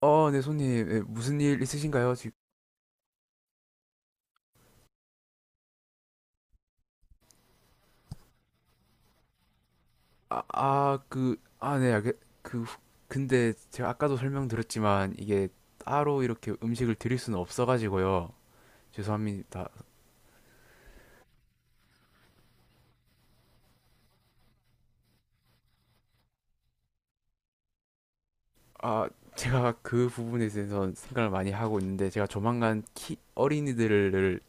어, 네, 손님, 예, 무슨 일 있으신가요? 지금, 아, 그, 아, 네, 알겠, 그, 근데 제가 아까도 설명드렸지만, 이게 따로 이렇게 음식을 드릴 수는 없어가지고요. 죄송합니다. 아, 제가 그 부분에 대해서 생각을 많이 하고 있는데, 제가 조만간 어린이들을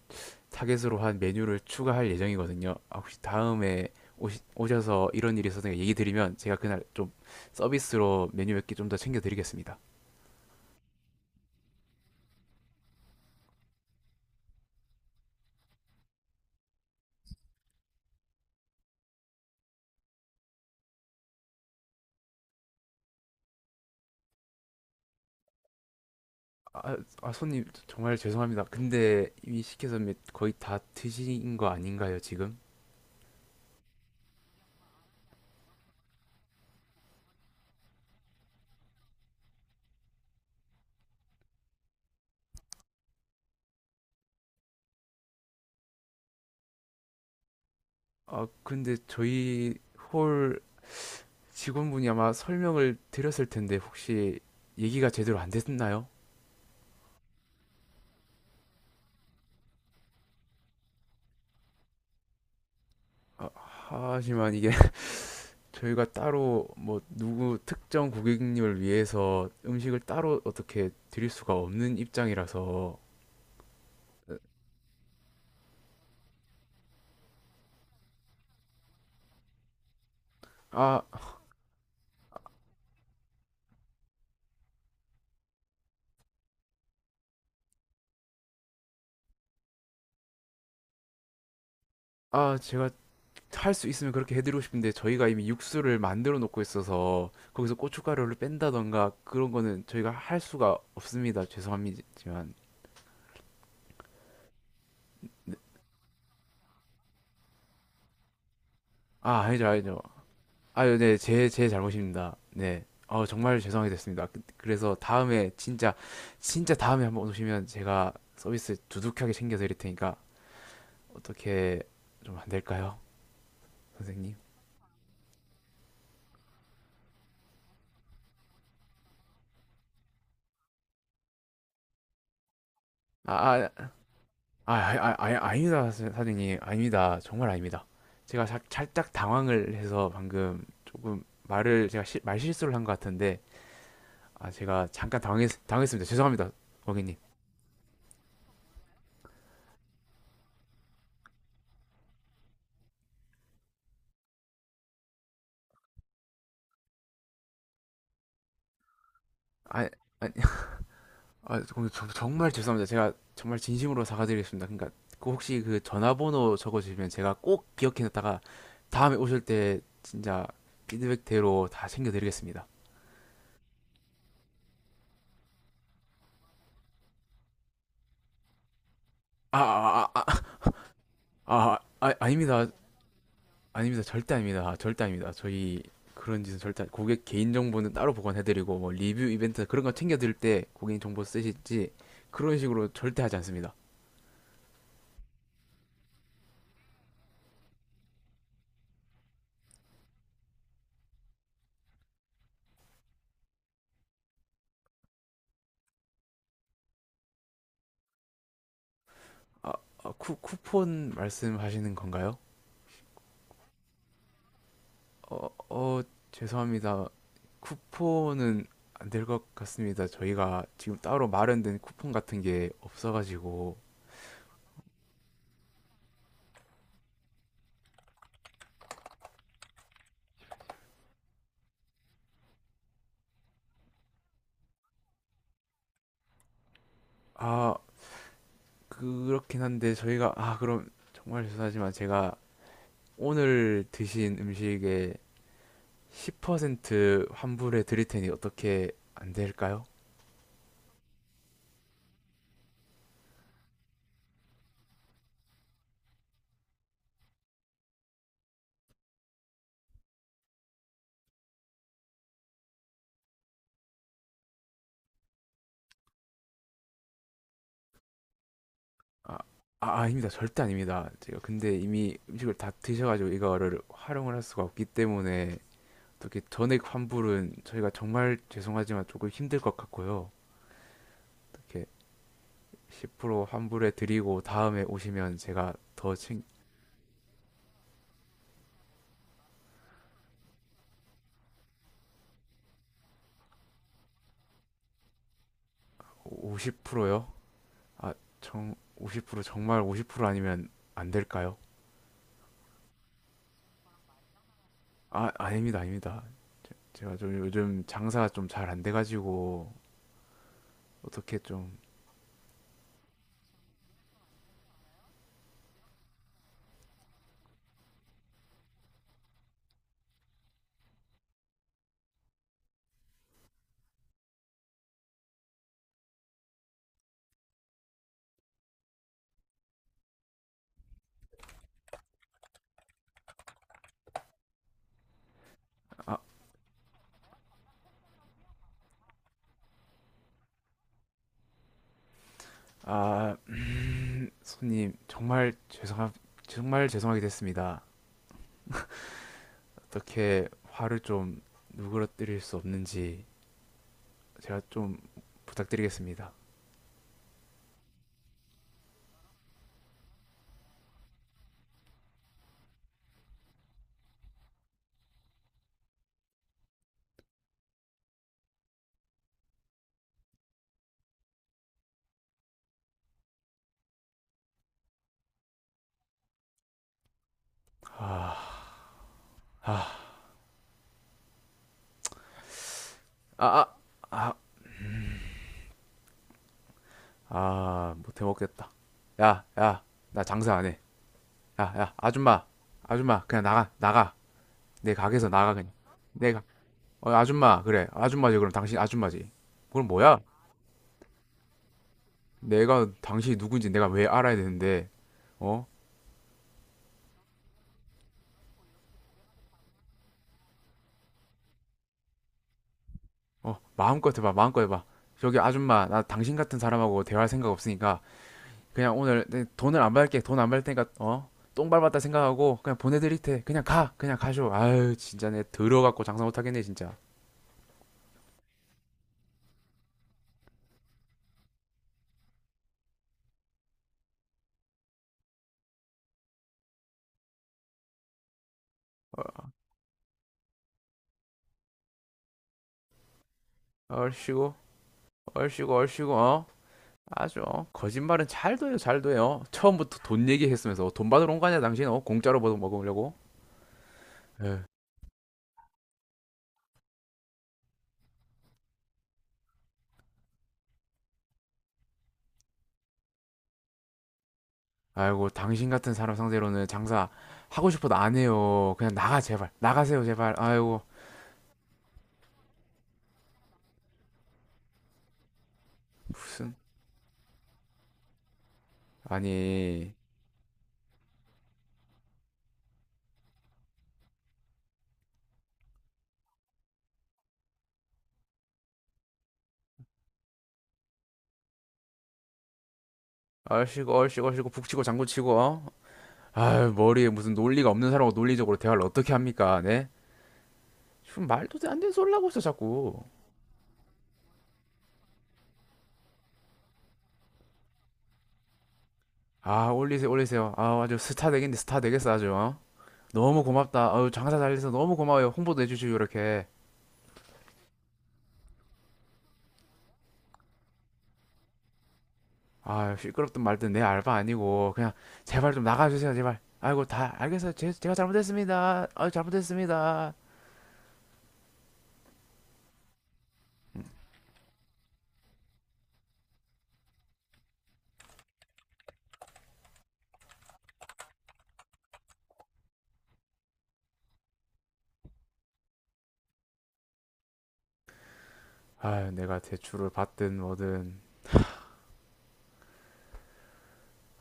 타겟으로 한 메뉴를 추가할 예정이거든요. 아, 혹시 다음에 오셔서 이런 일이 있어서 얘기 드리면, 제가 그날 좀 서비스로 메뉴 몇 개 좀 더 챙겨드리겠습니다. 손님 정말 죄송합니다. 근데 이미 시켜서 거의 다 드신 거 아닌가요, 지금? 아, 근데 저희 홀 직원분이 아마 설명을 드렸을 텐데 혹시 얘기가 제대로 안 됐나요? 아, 하지만 이게 저희가 따로 뭐 누구 특정 고객님을 위해서 음식을 따로 어떻게 드릴 수가 없는 입장이라서. 아, 제가 할 수 있으면 그렇게 해드리고 싶은데 저희가 이미 육수를 만들어 놓고 있어서 거기서 고춧가루를 뺀다던가 그런 거는 저희가 할 수가 없습니다. 죄송합니다만. 네. 아, 아니죠, 아니죠. 아유, 네, 제 잘못입니다. 네. 어, 정말 죄송하게 됐습니다. 그래서 다음에 진짜, 진짜 다음에 한번 오시면 제가 서비스 두둑하게 챙겨드릴 테니까 어떻게 좀 안 될까요? 선생님? 아, 아, 아, 아닙니다, 사장님. 아닙니다. 정말 아닙니다. 제가 살짝 당황을 해서 방금 조금 말을 제가 말실수를 한 것 같은데, 아, 제가 잠깐 당했습니다. 죄송합니다, 고객님. 아, 아니, 아, 고객님, 정말 죄송합니다. 제가 정말 진심으로 사과드리겠습니다. 그러니까 그 혹시 그 전화번호 적어주시면 제가 꼭 기억해놨다가 다음에 오실 때 진짜 피드백대로 다 챙겨드리겠습니다. 아, 아, 아, 아, 아, 아닙니다. 아닙니다. 절대 아닙니다. 아, 절대 아닙니다. 저희 그런 짓은 절대 고객 개인 정보는 따로 보관해드리고 뭐 리뷰 이벤트 그런 거 챙겨드릴 때 고객 정보 쓰실지 그런 식으로 절대 하지 않습니다. 아, 아, 쿠폰 말씀하시는 건가요? 어, 어, 죄송합니다. 쿠폰은 안 될 것 같습니다. 저희가 지금 따로 마련된 쿠폰 같은 게 없어가지고. 아, 그렇긴 한데 저희가 아, 그럼 정말 죄송하지만 제가 오늘 드신 음식에 10% 환불해 드릴 테니 어떻게 안 될까요? 아, 아닙니다. 절대 아닙니다. 제가 근데 이미 음식을 다 드셔가지고 이거를 활용을 할 수가 없기 때문에 어떻게 전액 환불은 저희가 정말 죄송하지만 조금 힘들 것 같고요. 어떻게 10% 환불해 드리고 다음에 오시면 제가 더 챙, 50%요? 아, 정, 50% 정말 50% 아니면 안 될까요? 아, 아닙니다. 아닙니다. 제가 좀 요즘 장사가 좀 잘 안 돼가지고 어떻게 좀. 아, 아, 손님, 정말 죄송하, 정말 죄송하게 됐습니다. 어떻게 화를 좀 누그러뜨릴 수 없는지 제가 좀 부탁드리겠습니다. 아, 아, 아, 아, 아, 아, 못해 먹겠다. 야, 야, 나 장사 안 해. 야, 야, 아줌마, 아줌마, 그냥 나가, 나가. 내 가게에서 나가, 그냥. 내가, 어, 아줌마, 그래. 아줌마지, 그럼 당신 아줌마지. 그럼 뭐야? 내가 당신이 누군지 내가 왜 알아야 되는데, 어? 어, 마음껏 해봐, 마음껏 해봐. 저기 아줌마, 나 당신 같은 사람하고 대화할 생각 없으니까 그냥 오늘 내 돈을 안 받을게, 돈 안 받을 테니까 어, 똥 밟았다 생각하고 그냥 보내드릴 테, 그냥 가, 그냥 가쇼. 아유, 진짜 내 들어갖고 장사 못하겠네 진짜. 어, 얼씨구, 얼씨구, 얼씨구, 어, 아주 어. 거짓말은 잘 돼요, 잘 돼요. 처음부터 돈 얘기했으면서 어, 돈 받으러 온 거 아니야, 당신? 어, 공짜로 먹으려고? 에, 아이고, 당신 같은 사람 상대로는 장사 하고 싶어도 안 해요. 그냥 나가 제발, 나가세요 제발. 아이고, 무슨. 아니, 얼씨구, 얼씨구, 얼씨구, 북치고 장구치고, 어? 아유, 머리에 무슨 논리가 없는 사람하고 논리적으로 대화를 어떻게 합니까, 네? 지금 말도 안 되는 소리 하고 있어, 자꾸. 아, 올리세요, 올리세요. 아, 아주 스타 되겠네, 스타 되겠어, 아주, 어? 너무 고맙다. 아유, 장사 잘 돼서 너무 고마워요. 홍보도 해주시고, 이렇게. 아, 시끄럽든 말든 내 알바 아니고, 그냥, 제발 좀 나가주세요, 제발. 아이고, 다, 알겠어요. 제가 잘못했습니다. 아유, 잘못했습니다. 아유, 내가 대출을 받든 뭐든.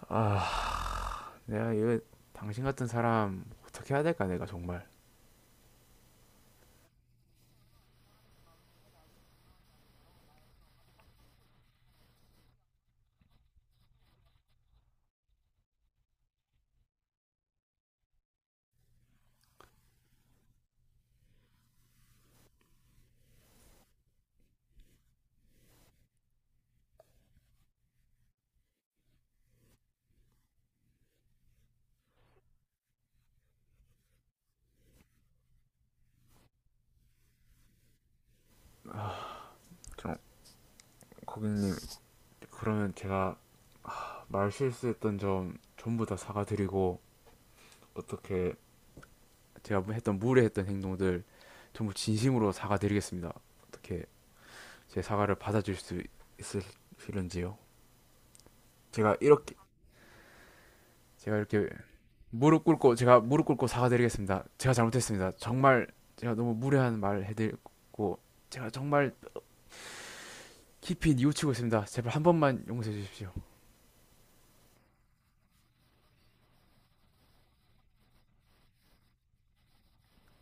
아. 내가 이거 당신 같은 사람 어떻게 해야 될까 내가 정말 좀, 고객님, 그러면 제가 하, 말 실수했던 점 전부 다 사과드리고 어떻게 제가 뭐 했던 무례했던 행동들 전부 진심으로 사과드리겠습니다. 어떻게 제 사과를 받아줄 수 있으실런지요. 제가 이렇게 제가 이렇게 무릎 꿇고 제가 무릎 꿇고 사과드리겠습니다. 제가 잘못했습니다. 정말 제가 너무 무례한 말 해드리고 제가 정말 깊이 뉘우치고 있습니다. 제발 한 번만 용서해 주십시오.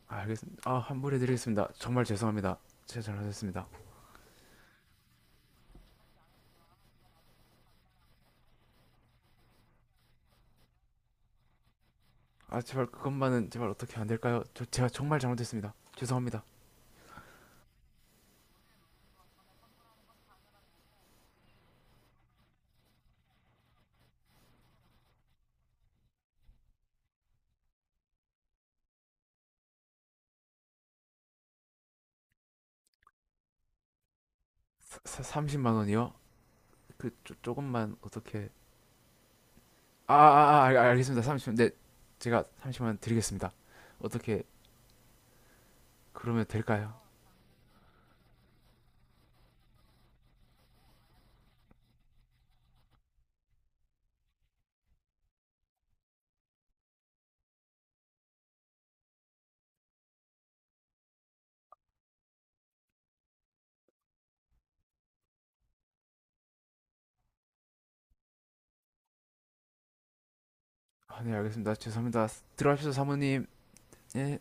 알겠습니다. 아, 환불해 드리겠습니다. 정말 죄송합니다. 제가 잘못했습니다. 아, 제발 그것만은 제발 어떻게 안 될까요? 저 제가 정말 잘못했습니다. 죄송합니다. 30만 원이요? 그 조금만 어떻게 알겠습니다. 30. 네. 제가 30만 원 드리겠습니다. 어떻게 그러면 될까요? 아, 네, 알겠습니다. 죄송합니다. 들어가십시오, 사모님. 예.